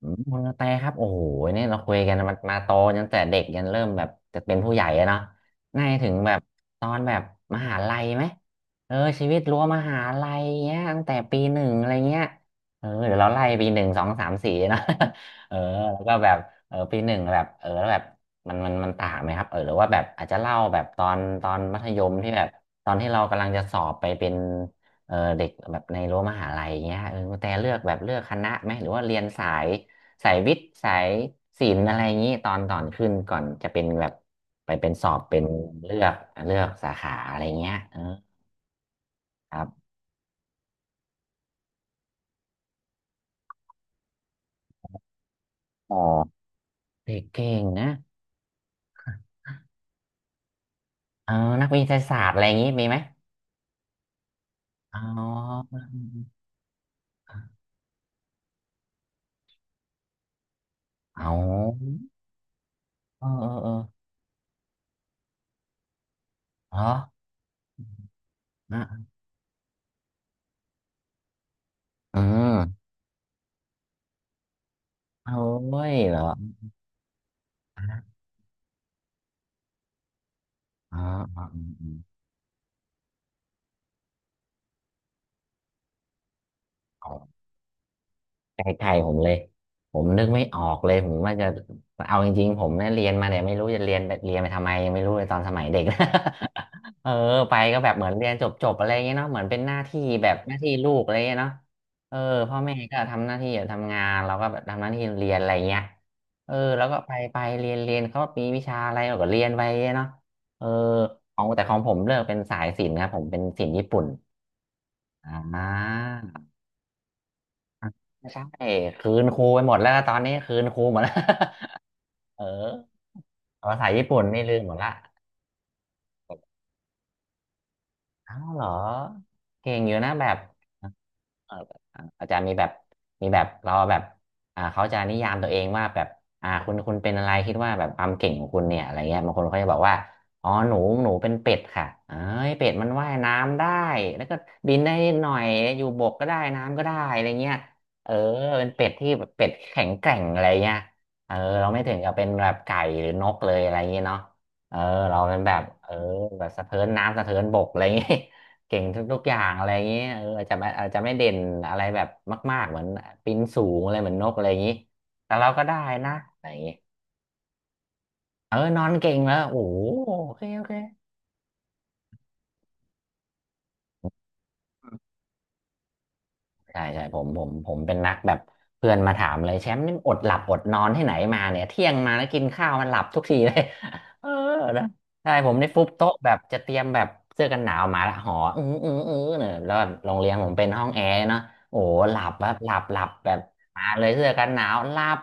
อืมคุณกระแตครับโอ้โหเนี่ยเราคุยกันมาโตจนแต่เด็กยันเริ่มแบบจะเป็นผู้ใหญ่อะเนาะน่าจะถึงแบบตอนแบบมหาลัยไหมเออชีวิตรั้วมหาลัยเงี้ยตั้งแต่ปีหนึ่งอะไรเงี้ยเออเดี๋ยวเราไล่ปีหนึ่งสองสามสี่เนาะ เออแล้วก็แบบเออปีหนึ่งแบบเออแล้วแบบมันต่างไหมครับเออหรือว่าแบบอาจจะเล่าแบบตอนมัธยมที่แบบตอนที่เรากำลังจะสอบไปเป็นเออเด็กแบบในรั้วมหาลัยเงี้ยเออแต่เลือกแบบเลือกคณะไหมหรือว่าเรียนสาย สายวิทย์สายศิลป์อะไรอย่างนี้ตอนก่อนขึ้นก่อนจะเป็นแบบไปเป็นสอบเป็นเลือกเลือกสาขาอะไรเงี้ยเออครับอ๋อเด็กเก่งนะเออนักวิทยาศาสตร์อะไรอย่างนี้มีไหมอ๋อเอาเออเออเออเหรออ่ะอืมโอ้ยเหรออ๋ออ๋ออ๋อ ใกล้ๆผมเลย ผมนึกไม่ออกเลยผมว่าจะเอาจริงๆผมเนี่ยเรียนมาเนี่ยไม่รู้จะเรียนไปทำไมยังไม่รู้เลยตอนสมัยเด็ก เออไปก็แบบเหมือนเรียนจบๆอะไรอย่างเงี้ยเนาะเหมือนเป็นหน้าที่แบบหน้าที่ลูกอะไรอย่างเงี้ยเนาะเออพ่อแม่ก็ทำหน้าที่ทำงานเราก็แบบทำหน้าที่เรียนอะไรอย่างเงี้ยเออแล้วก็ไปเรียนเขามีวิชาอะไรเราก็เรียนไปเนาะเออของแต่ของผมเลือกเป็นสายศิลป์ครับผมเป็นศิลป์ญี่ปุ่นอ่า ไม่ใช่ คืนครูไปหมดแล้วนะตอนนี้คืนครูหมดแล้ว เออภาษาญี่ปุ่นนี่ลืมหมดละอ้าวเหรอ เก่งอยู่นะแบบ เออแบบอ่าอาจารย์มีแบบมีแบบเราแบบอ่าเขาจะนิยามตัวเองว่าแบบอ่าคุณเป็นอะไรคิดว่าแบบความเก่งของคุณเนี่ยอะไรเงี้ยบางคนเขาจะบอกว่าอ๋อหนูเป็นเป็ดค่ะเอ้ยเป็ดมันว่ายน้ำได้แล้วก็บินได้นิดหน่อยอยู่บกก็ได้น้ำก็ได้อะไรเงี้ยเออเป็นเป็ดที่แบบเป็ดแข็งแกร่งอะไรเงี้ยเออเราไม่ถึงกับเป็นแบบไก่หรือนกเลยอะไรเงี้ยเนาะเออเราเป็นแบบเออแบบสะเทินน้ำสะเทินบกอะไรเงี้ย เก่งทุกๆอย่างอะไรอย่างนี้เอออาจจะไม่อาจจะไม่เด่นอะไรแบบมากๆเหมือนปีนสูงอะไรเหมือนนกอะไรอย่างนี้แต่เราก็ได้นะอะไรอย่างนี้เออนอนเก่งแล้วโอ้โหโอเคโอเคใช่ใช่ผมเป็นนักแบบเพื่อนมาถามเลยแชมป์นี่อดหลับอดนอนที่ไหนมาเนี่ยเที่ยงมาแล้วกินข้าวมันหลับทุกทีเลย เออนะใช่ผมได้ฟุบโต๊ะแบบจะเตรียมแบบเสื้อกันหนาวมาละหอเนี่ยแล้วโรงเรียนผมเป็นห้องแอร์เนาะโอ้โหหลับแบบหลับแบบมาเลยเสื้อกันหนาวหลับ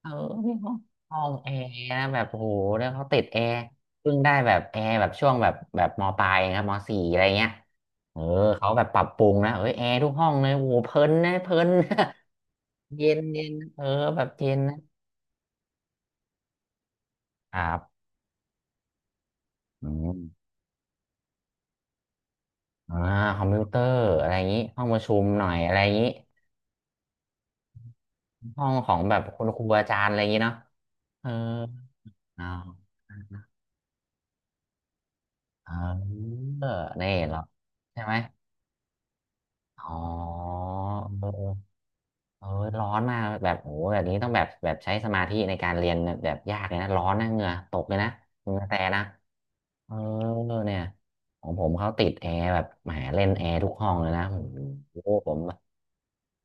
เออพี่เขาห้องแอร์นะแบบโอ้โหแล้วเขาติดแอร์เพิ่งได้แบบแอร์แบบช่วงแบบมปลายครับมสี่อะไรเงี้ยเออเขาแบบปรับปรุงนะเออแอร์ทุกห้องเลยโอ้โหเพลินนะเพลินนะเย็นเย็นเออแบบเย็นนะครับอืมอ่าคอมพิวเตอร์อะไรอย่างนี้ห้องประชุมหน่อยอะไรอย่างนี้ห้องของแบบคุณครูอาจารย์อะไรอย่างนี้เนาะเออเนาเออนี่เหรอใช่ไหมอ๋อเออ เออร้อนมากแบบโอ้โหแบบนี้ต้องแบบใช้สมาธิในการเรียนแบบยากเลยนะร้อนนะเหงื่อตกเลยนะเหงื่อแตกนะเออเนี่ยของผมเขาติดแอร์แบบแหมเล่นแอร์ทุกห้องเลยนะโอ้โหผม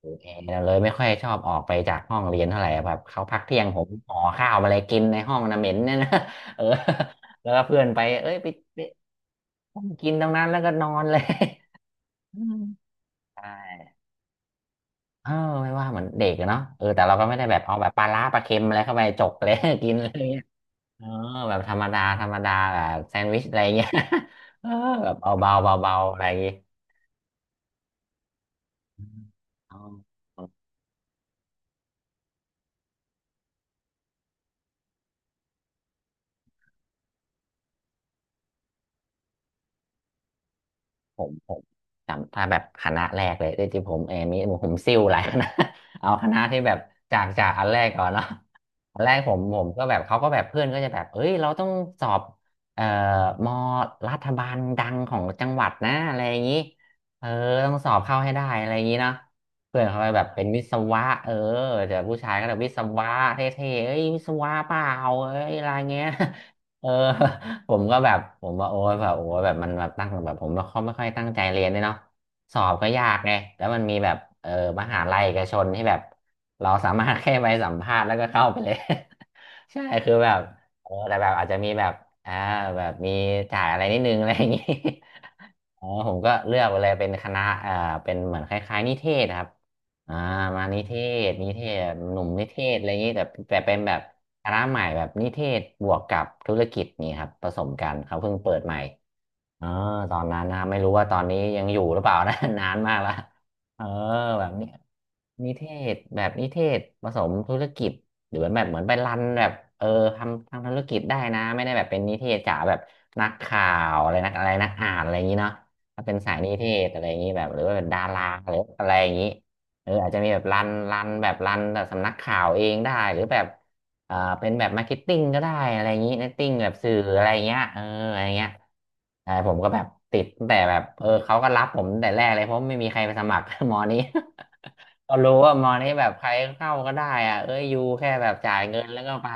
ติดแอร์เลยไม่ค่อยชอบออกไปจากห้องเรียนเท่าไหร่แบบเขาพักเที่ยงผมห่อข้าวมาเลยกินในห้องนะเหม็นเนี่ยนะ เออแล้วก็เพื่อนไปเอ้ยไปไปกินตรงนั้นแล้วก็นอนเลย อืมใช่ เออไม่ว่าเหมือนเด็กอะเนาะเออแต่เราก็ไม่ได้แบบเอาแบบปลาร้าปลาเค็มอะไรเข้าไปจกเลย กินอะไรเงี้ยเออแบบธรรมดาธรรมดาแบบแซนด์วิชอะไรเงี้ย เออแบบเอาเบาเบาเบาอะไรอย่างงี้อ๋อ ผมจำถ้าแบบคณะแรกเลยที่ผมเออมีผมซิ่วหลายคณะ เอาคณะที่แบบจากอันแรกก่อนเนาะ อันแรกผมก็แบบเขาก็แบบเพื่อนก็จะแบบเอ้ยเราต้องสอบเอ่อมอรัฐบาลดังของจังหวัดนะอะไรอย่างนี้เออต้องสอบเข้าให้ได้อะไรอย่างนี้เนาะเพื่อนเขาไปแบบเป็นวิศวะเออเดีผู้ชายก็แบบวิศวะเท่ๆเอ้ยวิศวะเปล่าเอ้ยอะไรเงี้ย เออ ผมก็แบบผมว่าโอ้ยแบบโอ้ยแบบมันแบบตั้งแบบผมไม่ค่อยตั้งใจเรียนด้วยเนาะสอบก็ยากไงแล้วมันมีแบบเออมหาลัยเอกชนที่แบบเราสามารถแค่ไปสัมภาษณ์แล้วก็เข้าไปเลย ใช่คือแบบเออแต่แบบอาจจะมีแบบอ่าแบบมีจ่ายอะไรนิดนึงอะไรอย่างงี้ อ๋อผมก็เลือกไปเลยเป็นคณะเอ่าเป็นเหมือนคล้ายๆนิเทศครับอ่ามานิเทศนิเทศหนุ่มนิเทศอะไรอย่างนี้แต่แต่เป็นแบบคณะใหม่แบบนิเทศบวกกับธุรกิจนี่ครับผสมกันเขาเพิ่งเปิดใหม่ เออตอนนั้นนะไม่รู้ว่าตอนนี้ยังอยู่หรือเปล่านะ นานมากละเออแบบนี้นิเทศแบบนิเทศผสมธุรกิจหรือแบบเหมือนไปรันแบบเออทำทางธุรกิจได้นะไม่ได้แบบเป็นนิเทศจ๋าแบบนักข่าวอะไรนักอะไรนักอ่านอะไรอย่างนี้เนาะถ้าเป็นสายนิเทศอะไรอย่างนี้แบบหรือว่าเป็นดาราหรืออะไรอย่างนี้เอออาจจะมีแบบรันแบบสำนักข่าวเองได้หรือแบบ อ่าเป็นแบบมาร์เก็ตติ้งก็ได้อะไรอย่างนี้มาร์เก็ตติ้งแบบสื่ออะไรเงี้ยเอออะไรเงี้ยใช่ผมก็แบบติดตั้งแต่แบบเออเขาก็รับผมตั้งแต่แรกเลยเพราะไม่มีใครไปสมัคร มอนี้ ก็รู้ว่ามอนี้แบบใครเข้าก็ได้อ่ะเอ้ยอยู่แค่แบบจ่ายเงินแล้วก็ไป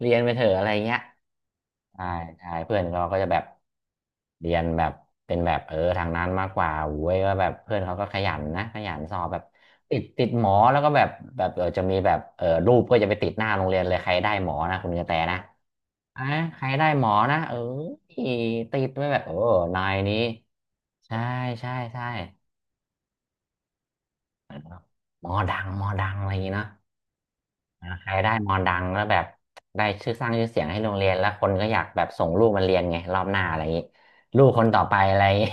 เรียนไปเถอะอะไรเงี้ยใช่ใช่เพื่อนเราก็จะแบบเรียนแบบเป็นแบบเออทางนั้นมากกว่าโว้ยก็แบบเพื่อนเขาก็ขยันนะขยันสอบแบบติดหมอแล้วก็แบบแบบเออจะมีแบบเออรูปก็จะไปติดหน้าโรงเรียนเลยใครได้หมอนะคุณกระแตนะอ่ะใครได้หมอนะเออติดไว้แบบโอ้นายนี้ใช่ใช่ใช่หมอดังอะไรอย่างงี้เนอะ อ่าใครได้มอนดังแล้วแบบได้ชื่อสร้างชื่อเสียงให้โรงเรียนแล้วคนก็อยากแบบส่งลูกมาเรียนไงรอบหน้าอะไรอย่างนี้ลูกคนต่อไปอะไรอย่างงี้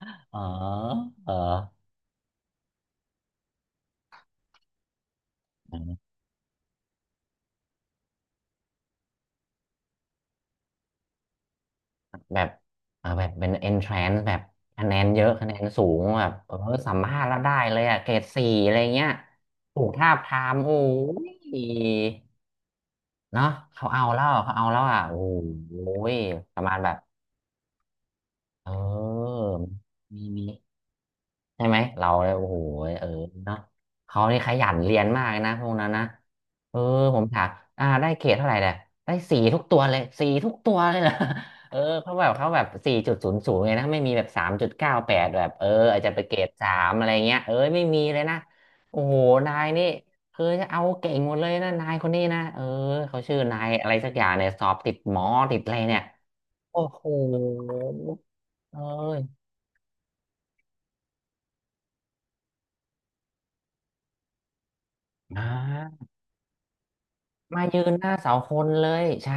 อ๋อเออแบบเออแบบเป็น entrance แบบคะแนนเยอะคะแนนสูงแบบเออสัมภาษณ์แล้วได้เลยอะเกรดสี่อะไรเงี้ยถูกทาบทามโอ้ยเนาะเขาเอาแล้วเขาเอาแล้วอ่ะโอ้ยประมาณแบบเออมี ใช่ไหมเราเลยโอ้โหเออเนาะเขานี่ขยันเรียนมากเลยนะพวกนั้นนะเออผมถามอ่าได้เกรดเท่าไหร่เนี่ยได้สี่ทุกตัวเลยสี่ทุกตัวเลยเหรอ เออเขาแบบสี่จุดศูนย์ศูนย์เลยนะไม่มีแบบสามจุดเก้าแปดแบบเอออาจจะไปเกรดสามอะไรเงี้ยเออไม่มีเลยนะโอ้โหนายนี่คือจะเอาเก่งหมดเลยนะนายคนนี้นะเออเขาชื่อนายอะไรสักอย่างเนี่ยสอบติดหมอติดอะไรเนี่ยโอ้โหเอออ่า มายืนหน้าเสาคนเลยใช่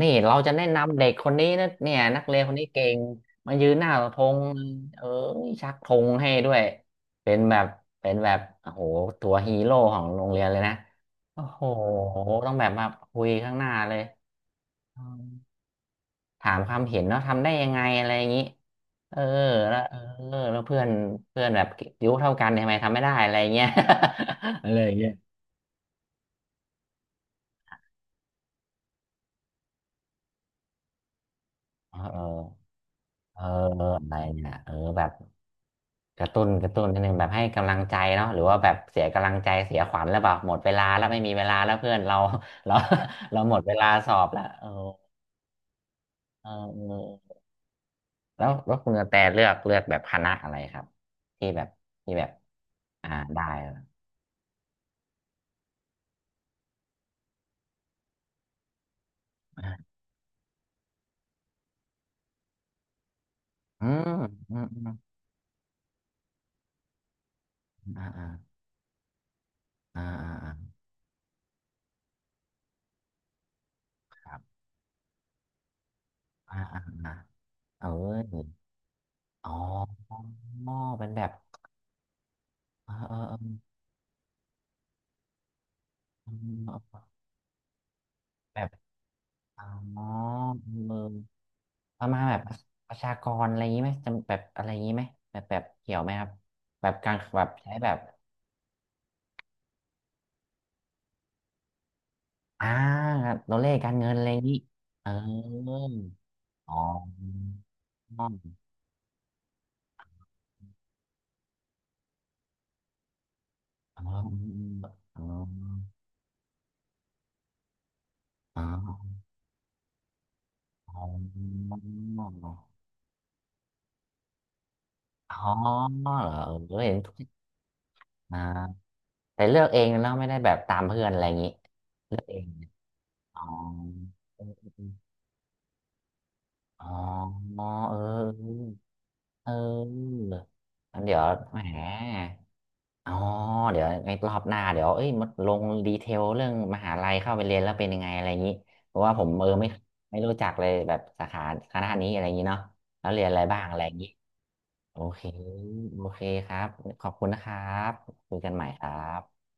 นี่เราจะแนะนำเด็กคนนี้นะเนี่ยนักเรียนคนนี้เก่งมายืนหน้าธงเออชักธงให้ด้วยเป็นแบบเป็นแบบโอ้โหตัวฮีโร่ของโรงเรียนเลยนะโอ้โหต้องแบบมาคุยข้างหน้าเลยอืมถามความเห็นเนาะทำได้ยังไงอะไรอย่างนี้เออแล้วเออแล้วเพื่อนเพื่อนแบบอายุเท่ากันเนี่ยทำไมทำไม่ได้อะไรอย่างเงี้ย อะไรอย่างเงี้ยเออเอออะไรเนี่ยเออแบบ กระตุ้นนิดนึงแบบให้กำลังใจเนาะหรือว่าแบบเสียกำลังใจเสียขวัญแล้วเปล่าหมดเวลาแล้วไม่มีเวลาแล้วเพื่อนเรา เรา เราหมดเวลาสอบแล้วเออเออเออแล้วคุณกระแตเลือกแบบคณะอะไรครับที่แบบที่แบบอ่าได้อ่าอืมอืมอืมอ่าอ่าอ่าอ่าอ่าครับอ่าอ่าอ่าเอออ๋อเป็นแบบเออเออเออแบบอ๋อ ประมาณแบบประชากรอะไรอย่างนี้ไหมจำแบบอะไรอย่างนี้ไหมแบบเกี่ยวไหมครับ แบบการแบบใช้แบบอ่าัตัวเลขการเงินอะไรอย่างนี้เอออ๋ออ๋ออ๋ออ๋ออ๋ออ๋ออ๋อเหรอเออเห็นทุกอ่าแต่เลือกเองแล้วไม่ได้แบบตามเพื่อนอะไรอย่างนี้ เลือกเองอ๋ออ๋อเออ เอองั้นเดี๋ยวแหมอ๋อเดี๋ยวในรอบหน้าเดี๋ยวเอ้ยมาลงดีเทลเรื่องมหาลัยเข้าไปเรียนแล้วเป็นยังไงอะไรอย่างนี้เพราะว่าผมเออไม่รู้จักเลยแบบสาขาคณะนี้อะไรอย่างนี้เนาะแล้วเรียนอะไรบ้างอะไรอย่างนี้โอเคโอเคครับขอบคุณนะครับคุยกันใหม่ครับ